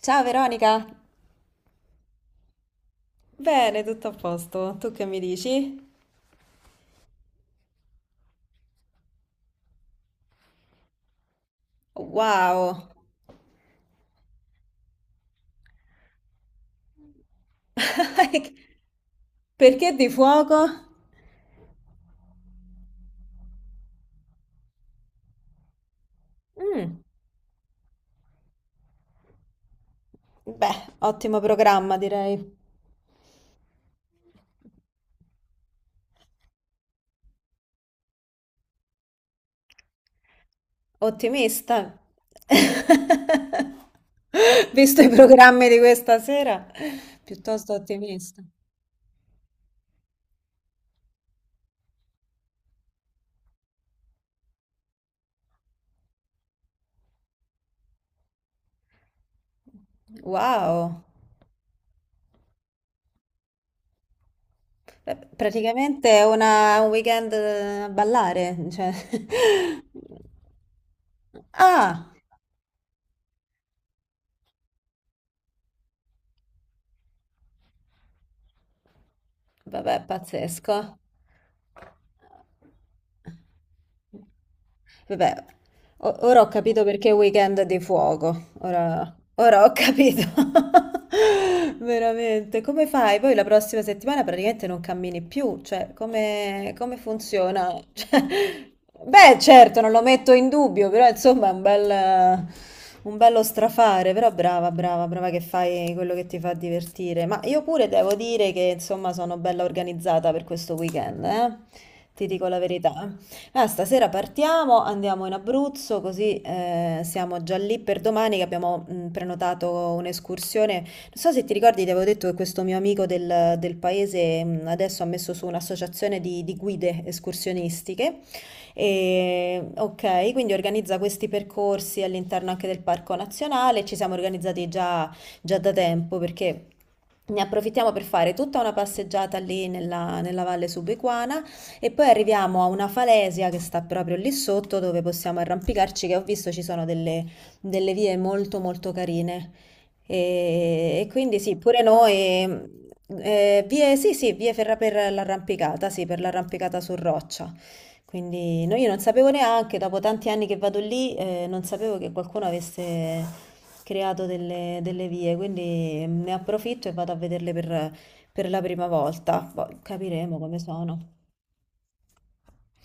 Ciao Veronica! Bene, tutto a posto. Tu che mi dici? Wow! Perché di fuoco? Mm. Beh, ottimo programma, direi. Ottimista. Visto i programmi di questa sera, piuttosto ottimista. Wow! Praticamente è un weekend a ballare, cioè. Ah! Vabbè, pazzesco. Vabbè, ora ho capito perché è weekend di fuoco. Ora ho capito. Veramente. Come fai? Poi la prossima settimana praticamente non cammini più. Cioè, come funziona? Cioè, beh, certo, non lo metto in dubbio, però insomma è un bel. Un bello strafare, però brava, brava, brava che fai quello che ti fa divertire. Ma io pure devo dire che insomma sono bella organizzata per questo weekend, eh? Ti dico la verità. Ah, stasera partiamo, andiamo in Abruzzo, così siamo già lì per domani che abbiamo prenotato un'escursione. Non so se ti ricordi, ti avevo detto che questo mio amico del paese adesso ha messo su un'associazione di guide escursionistiche. E, ok, quindi organizza questi percorsi all'interno anche del Parco Nazionale. Ci siamo organizzati già da tempo perché ne approfittiamo per fare tutta una passeggiata lì nella valle subequana e poi arriviamo a una falesia che sta proprio lì sotto dove possiamo arrampicarci, che ho visto ci sono delle vie molto molto carine. E quindi sì, pure noi. Sì, sì, vie ferra per l'arrampicata, sì, per l'arrampicata su roccia. Quindi no, io non sapevo neanche, dopo tanti anni che vado lì, non sapevo che qualcuno avesse creato delle vie, quindi ne approfitto e vado a vederle per la prima volta. Poi capiremo come sono.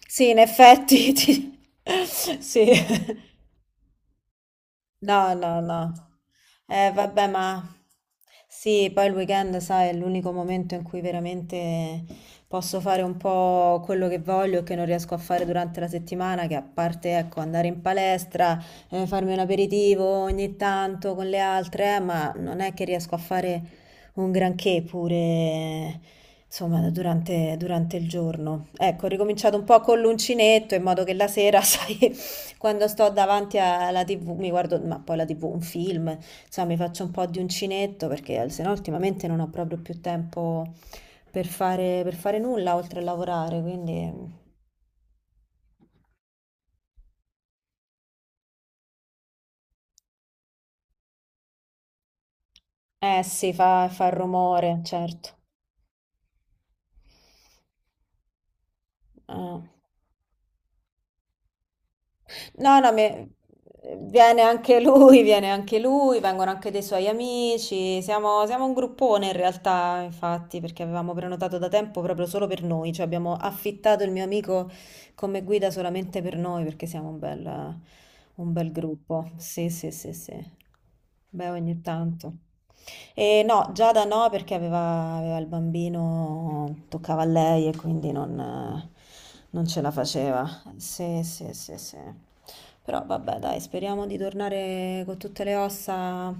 Sì, in effetti, sì. No, no, no. Vabbè, ma sì, poi il weekend, sai, è l'unico momento in cui veramente posso fare un po' quello che voglio e che non riesco a fare durante la settimana, che a parte, ecco, andare in palestra, farmi un aperitivo ogni tanto con le altre, ma non è che riesco a fare un granché pure, insomma, durante il giorno. Ecco, ho ricominciato un po' con l'uncinetto in modo che la sera, sai, quando sto davanti alla TV mi guardo, ma poi la TV, un film, insomma mi faccio un po' di uncinetto perché sennò ultimamente non ho proprio più tempo per fare nulla oltre a lavorare, quindi. Eh sì, fa rumore, certo. Eh. No, no, viene anche lui, viene anche lui, vengono anche dei suoi amici, siamo un gruppone in realtà, infatti, perché avevamo prenotato da tempo proprio solo per noi, cioè abbiamo affittato il mio amico come guida solamente per noi, perché siamo un un bel gruppo. Sì, sì, sì, sì. Beh, ogni tanto. E no, Giada no, perché aveva il bambino, toccava a lei e quindi non ce la faceva. Sì, sì, sì, sì. Però vabbè, dai, speriamo di tornare con tutte le ossa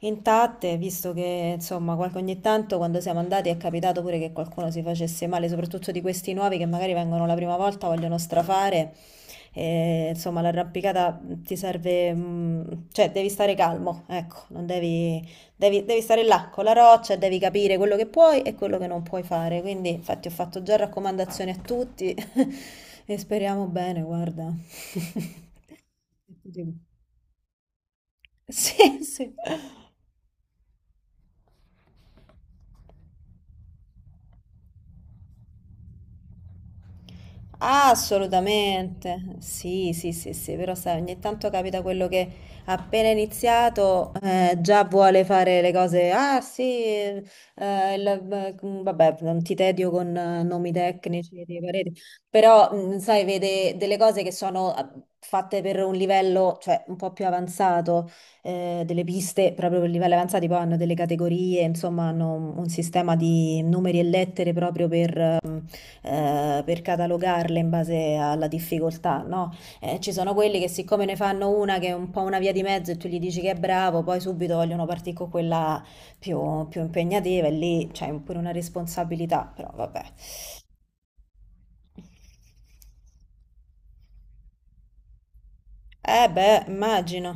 intatte, visto che insomma, ogni tanto quando siamo andati è capitato pure che qualcuno si facesse male, soprattutto di questi nuovi che magari vengono la prima volta, vogliono strafare. E, insomma, l'arrampicata ti serve, cioè devi stare calmo, ecco, non devi. Devi stare là con la roccia, e devi capire quello che puoi e quello che non puoi fare. Quindi, infatti, ho fatto già raccomandazioni a tutti e speriamo bene, guarda. Sì, sì. Ah, assolutamente, sì, sì, sì, sì, però sai, ogni tanto capita quello che appena iniziato già vuole fare le cose, ah sì, vabbè, non ti tedio con nomi tecnici di pareti, però sai, vede delle cose che sono fatte per un livello, cioè un po' più avanzato, delle piste proprio per livelli avanzati, poi hanno delle categorie, insomma hanno un sistema di numeri e lettere proprio per catalogarle in base alla difficoltà, no? Ci sono quelli che siccome ne fanno una che è un po' una via di mezzo e tu gli dici che è bravo, poi subito vogliono partire con quella più impegnativa e lì c'è pure una responsabilità, però vabbè. Eh beh, immagino.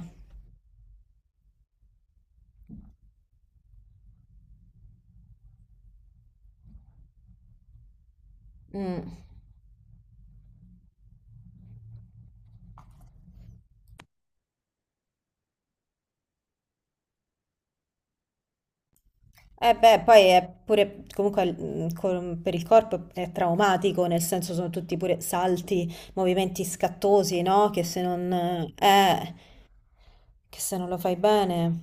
Mm. Eh beh, poi è pure, comunque per il corpo è traumatico, nel senso sono tutti pure salti, movimenti scattosi, no? Eh, che se non lo fai bene.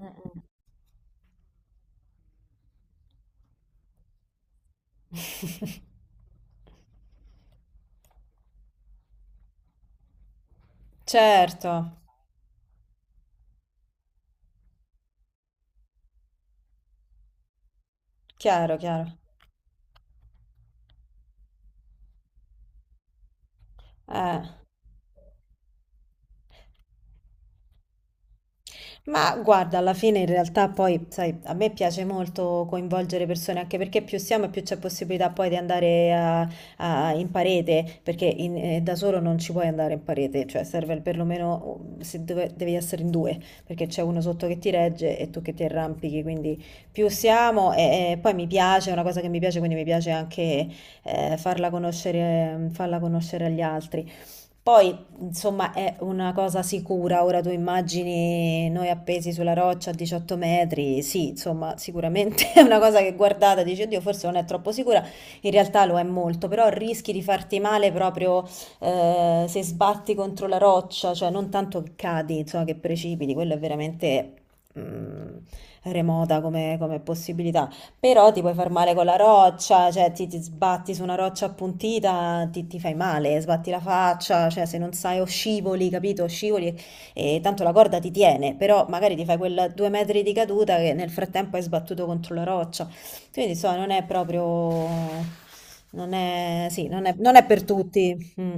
Mm-mm. Certo, chiaro, chiaro. Eh. Ma guarda, alla fine in realtà poi, sai, a me piace molto coinvolgere persone, anche perché più siamo e più c'è possibilità poi di andare in parete, perché da solo non ci puoi andare in parete, cioè serve perlomeno se dove- devi essere in due, perché c'è uno sotto che ti regge e tu che ti arrampichi, quindi più siamo e poi mi piace, è una cosa che mi piace, quindi mi piace anche farla conoscere agli altri. Poi, insomma, è una cosa sicura. Ora tu immagini noi appesi sulla roccia a 18 metri. Sì, insomma, sicuramente è una cosa che guardata e dici, oddio, forse non è troppo sicura. In realtà lo è molto, però rischi di farti male proprio se sbatti contro la roccia, cioè non tanto che cadi, insomma, che precipiti. Quello è veramente mm, remota come possibilità. Però ti puoi far male con la roccia, cioè ti sbatti su una roccia appuntita, ti fai male, sbatti la faccia, cioè se non sai o scivoli, capito? Scivoli e tanto la corda ti tiene, però magari ti fai quel 2 metri di caduta che nel frattempo hai sbattuto contro la roccia. Quindi insomma non è proprio. Non è, sì, non è, non è per tutti. Mm.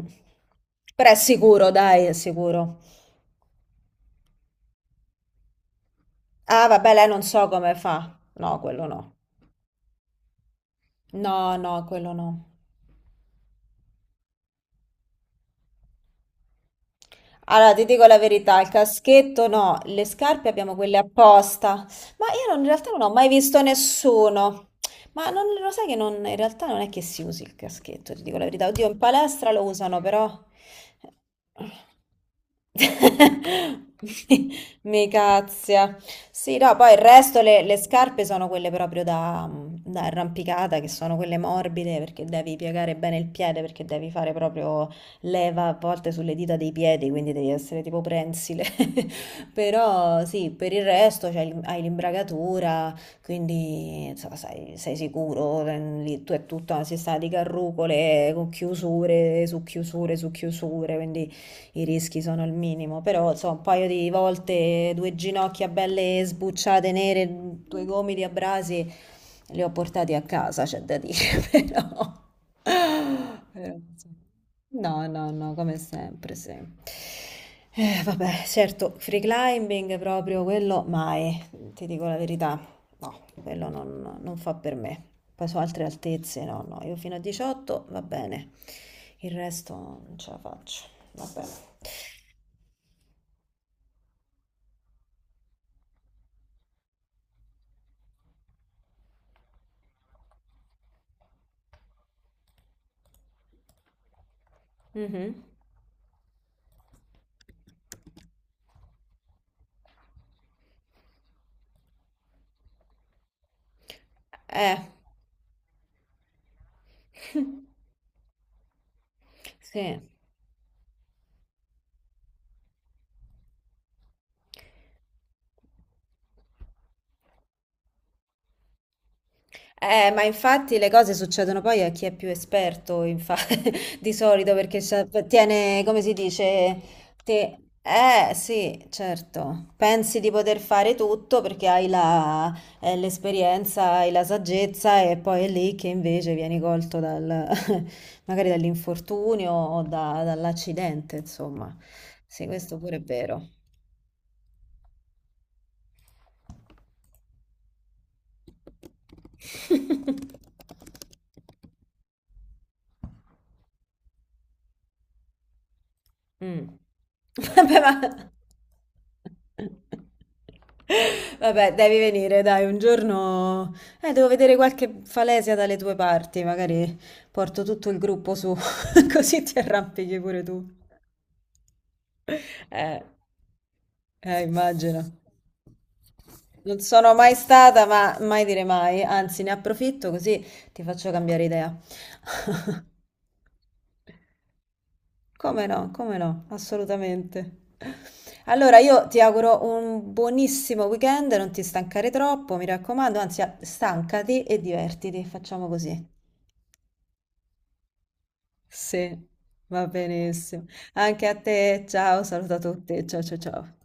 Però è sicuro, dai, è sicuro. Ah, vabbè, lei non so come fa. No, quello no. No, no, quello no. Allora, ti dico la verità, il caschetto no, le scarpe abbiamo quelle apposta, ma io in realtà non ho mai visto nessuno. Ma non, lo sai che in realtà non è che si usi il caschetto, ti dico la verità. Oddio, in palestra lo usano, però. Mi cazia. Sì, no, poi il resto, le scarpe sono quelle proprio da arrampicata, che sono quelle morbide, perché devi piegare bene il piede, perché devi fare proprio leva a volte sulle dita dei piedi, quindi devi essere tipo prensile. Però sì, per il resto hai l'imbragatura, quindi insomma, sei sicuro, lì tu è tutta una sistema di carrucole con chiusure su chiusure su chiusure, quindi i rischi sono al minimo. Però insomma, un paio di volte, due ginocchia belle sbucciate nere, due gomiti a brasi, li ho portati a casa, c'è da dire, però, insomma. No, no, no, come sempre, sì. Vabbè, certo, free climbing proprio quello mai, ti dico la verità, no, quello non fa per me. Poi su altre altezze, no, no, io fino a 18 va bene, il resto non ce la faccio, vabbè. Mhm. Eh, sì. Ma infatti le cose succedono poi a chi è più esperto, di solito, perché tiene, come si dice, te. Eh sì, certo, pensi di poter fare tutto perché l'esperienza, hai la saggezza e poi è lì che invece vieni colto magari dall'infortunio o dall'accidente, insomma. Sì, questo pure è vero. Mh. Vabbè, ma Vabbè, devi venire, dai, un giorno devo vedere qualche falesia dalle tue parti, magari porto tutto il gruppo su, così ti arrampichi pure tu. Eh, immagino. Non sono mai stata, ma mai dire mai, anzi, ne approfitto così ti faccio cambiare idea. Come no, come no, assolutamente. Allora, io ti auguro un buonissimo weekend, non ti stancare troppo, mi raccomando, anzi, stancati e divertiti, facciamo così. Sì, va benissimo. Anche a te, ciao, saluto a tutti, ciao ciao ciao.